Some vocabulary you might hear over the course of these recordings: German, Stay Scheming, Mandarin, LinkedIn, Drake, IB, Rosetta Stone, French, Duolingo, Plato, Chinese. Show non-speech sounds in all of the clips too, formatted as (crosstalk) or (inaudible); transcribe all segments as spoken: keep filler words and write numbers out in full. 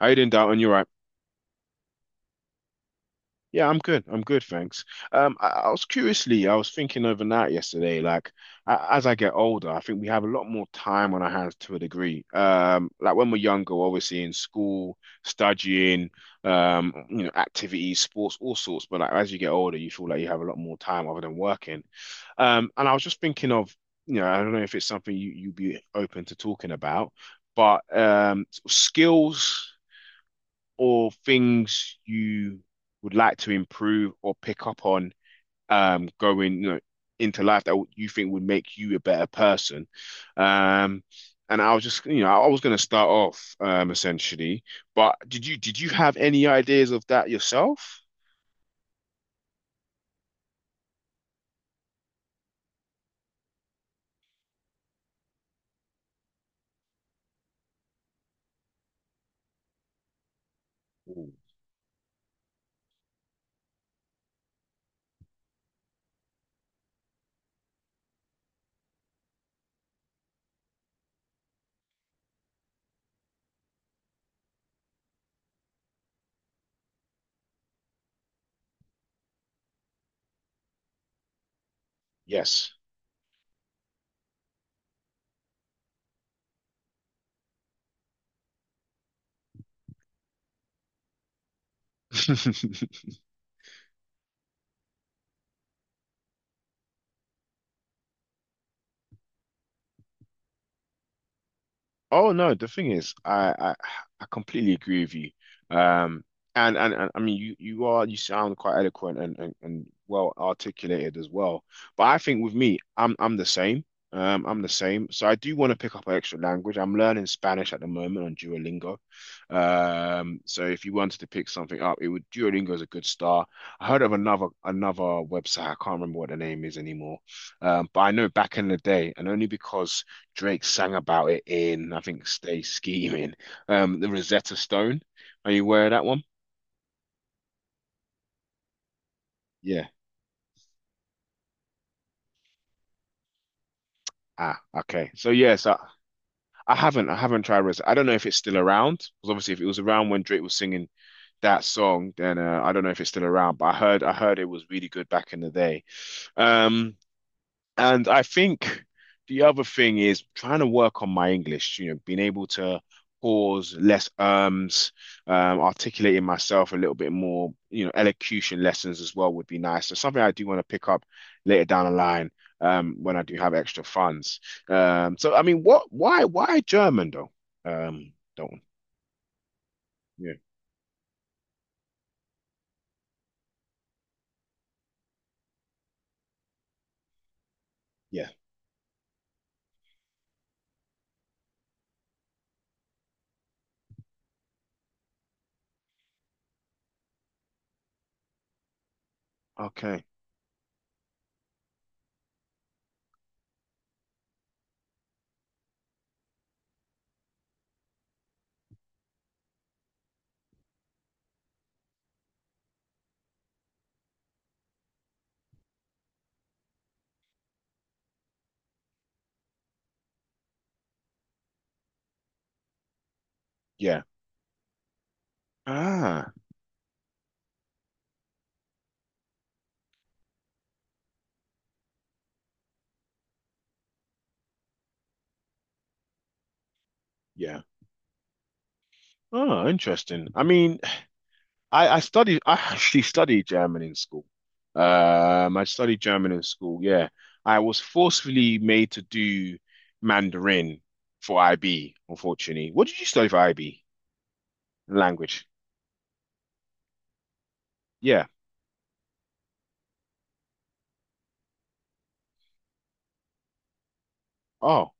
How you doing, Dalton? You're right. Yeah, I'm good. I'm good, thanks. Um, I, I was curiously, I was thinking overnight yesterday, like a- as I get older, I think we have a lot more time on our hands to a degree. Um, like when we're younger, we're obviously in school, studying, um, you know, activities, sports, all sorts. But like as you get older, you feel like you have a lot more time other than working. Um, and I was just thinking of, you know, I don't know if it's something you you'd be open to talking about, but um, skills, or things you would like to improve or pick up on, um, going you know, into life that you think would make you a better person. Um, and I was just, you know, I was going to start off, um, essentially, but did you did you have any ideas of that yourself? Ooh, yes. (laughs) Oh no, the thing is, I, I I completely agree with you. Um, and and, and I mean, you you are you sound quite eloquent and, and and well articulated as well. But I think with me, I'm I'm the same. Um, I'm the same. So I do want to pick up an extra language. I'm learning Spanish at the moment on Duolingo. Um, so if you wanted to pick something up, it would Duolingo is a good start. I heard of another another website. I can't remember what the name is anymore. Um, but I know back in the day, and only because Drake sang about it in, I think, Stay Scheming, um, the Rosetta Stone. Are you aware of that one? Yeah. Ah, okay. So yes, I, I haven't, I haven't tried Rosetta. I don't know if it's still around because obviously, if it was around when Drake was singing that song, then uh, I don't know if it's still around. But I heard, I heard it was really good back in the day. Um, And I think the other thing is trying to work on my English, you know, being able to pause less ums, um, articulating myself a little bit more, you know, elocution lessons as well would be nice. So something I do want to pick up later down the line, um, when I do have extra funds. Um, so I mean, what, why, why German though? Um, Dalton. Yeah. Yeah. Okay. Yeah. Ah, yeah. Oh, interesting. I mean, I, I studied, I actually studied German in school. Um, I studied German in school, yeah. I was forcefully made to do Mandarin for I B, unfortunately. What did you study for I B? Language. Yeah. Oh.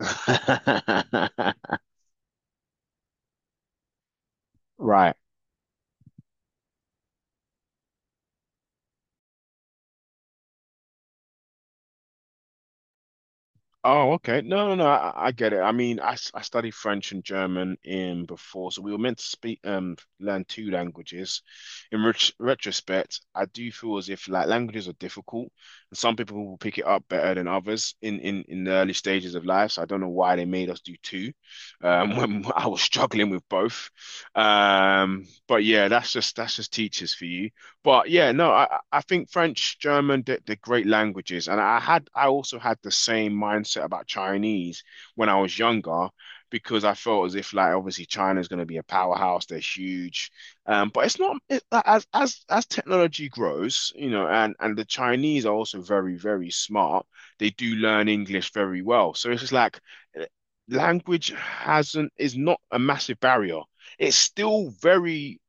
(laughs) Right. Oh, okay. No, no, no. I, I get it. I mean, I, s- I studied French and German in before, so we were meant to speak um learn two languages. In ret retrospect, I do feel as if like languages are difficult, and some people will pick it up better than others in in in the early stages of life. So I don't know why they made us do two, um, (laughs) when I was struggling with both. Um, but yeah, that's just that's just teachers for you. But yeah, no, I I think French, German, they're, they're great languages, and I had I also had the same mindset about Chinese when I was younger, because I felt as if like obviously China is going to be a powerhouse, they're huge, um, but it's not it, like, as as as technology grows, you know, and and the Chinese are also very very smart. They do learn English very well, so it's just like eh, language hasn't is not a massive barrier. It's still very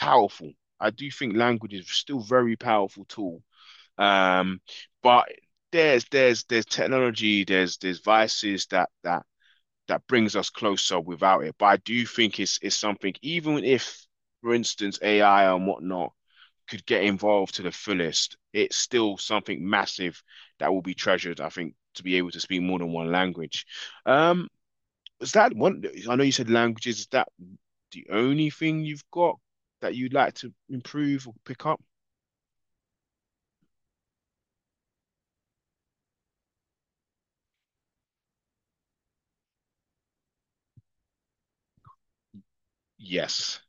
powerful. I do think language is still very powerful tool. Um, but there's there's there's technology, there's there's vices that that that brings us closer without it. But I do think it's it's something, even if, for instance, A I and whatnot could get involved to the fullest, it's still something massive that will be treasured, I think, to be able to speak more than one language. Um, is that one? I know you said languages. Is that the only thing you've got that you'd like to improve or pick up? Yes.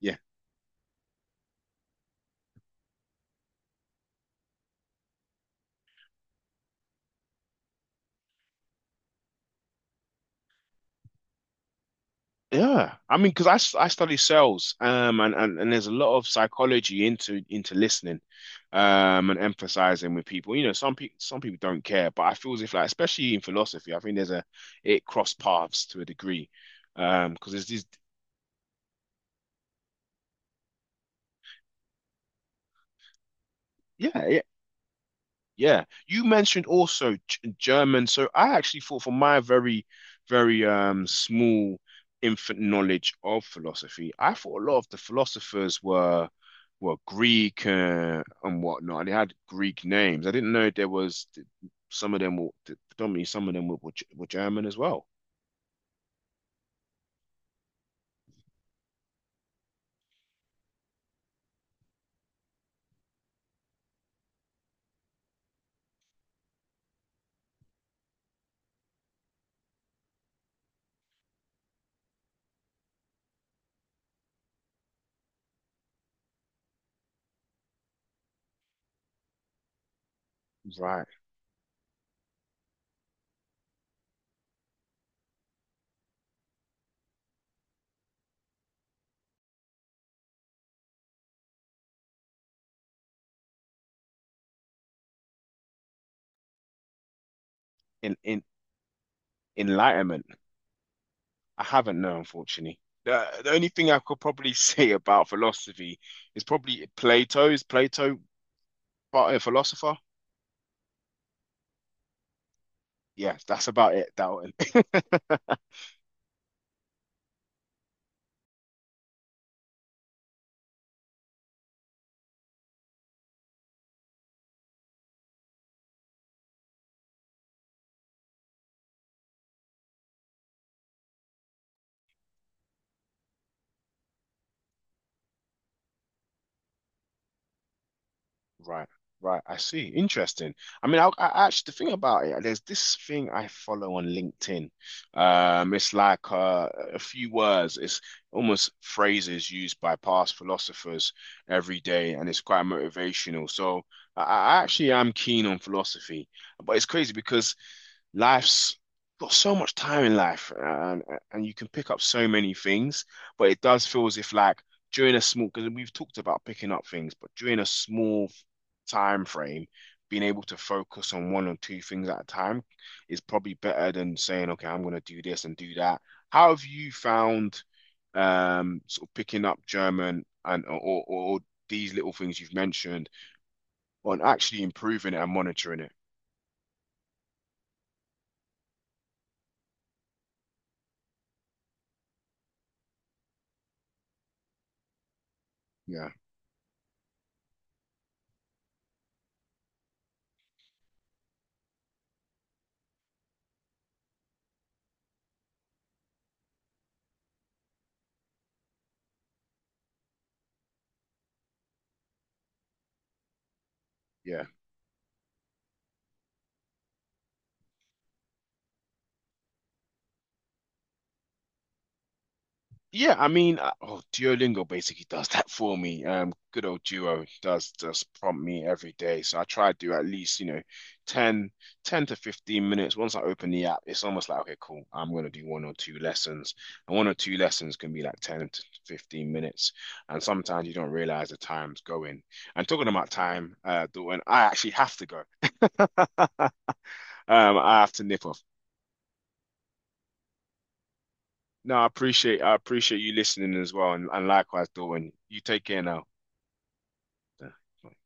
Yeah. Yeah. I mean, because I, s- I study sales, um, and, and, and there's a lot of psychology into into listening, um, and emphasizing with people. You know, some people some people don't care, but I feel as if like especially in philosophy, I think there's a it cross paths to a degree, um, because there's these. Yeah. Yeah, you mentioned also G German. So I actually thought, from my very, very um small infant knowledge of philosophy, I thought a lot of the philosophers were were Greek, uh, and whatnot. They had Greek names. I didn't know there was some of them were predominantly some of them were, were G- were German as well. Right. In in enlightenment, I haven't known, unfortunately. The, the only thing I could probably (laughs) say about philosophy is probably Plato. Is Plato but a philosopher? Yeah, that's about it, Dalton. (laughs) Right, right. I see. Interesting. I mean, I, I actually the thing about it, there's this thing I follow on LinkedIn. Um, it's like uh, a few words. It's almost phrases used by past philosophers every day, and it's quite motivational. So I, I actually am keen on philosophy, but it's crazy because life's got so much time in life and and you can pick up so many things, but it does feel as if like during a small, because we've talked about picking up things, but during a small time frame, being able to focus on one or two things at a time is probably better than saying, okay, I'm going to do this and do that. How have you found um sort of picking up German and or or or these little things you've mentioned on actually improving it and monitoring it? Yeah, yeah. Yeah, I mean, uh, oh, Duolingo basically does that (laughs) for me. Um, good old Duo does does prompt me every day. So I try to do at least, you know, ten ten to fifteen minutes. Once I open the app, it's almost like, okay, cool, I'm gonna do one or two lessons. And one or two lessons can be like ten to fifteen minutes. And sometimes you don't realize the time's going. And talking about time, uh, Dawn, I actually have to go. (laughs) Um, I have to nip off. No, I appreciate I appreciate you listening as well. And, and likewise, Dawn, you take care now. Fuck.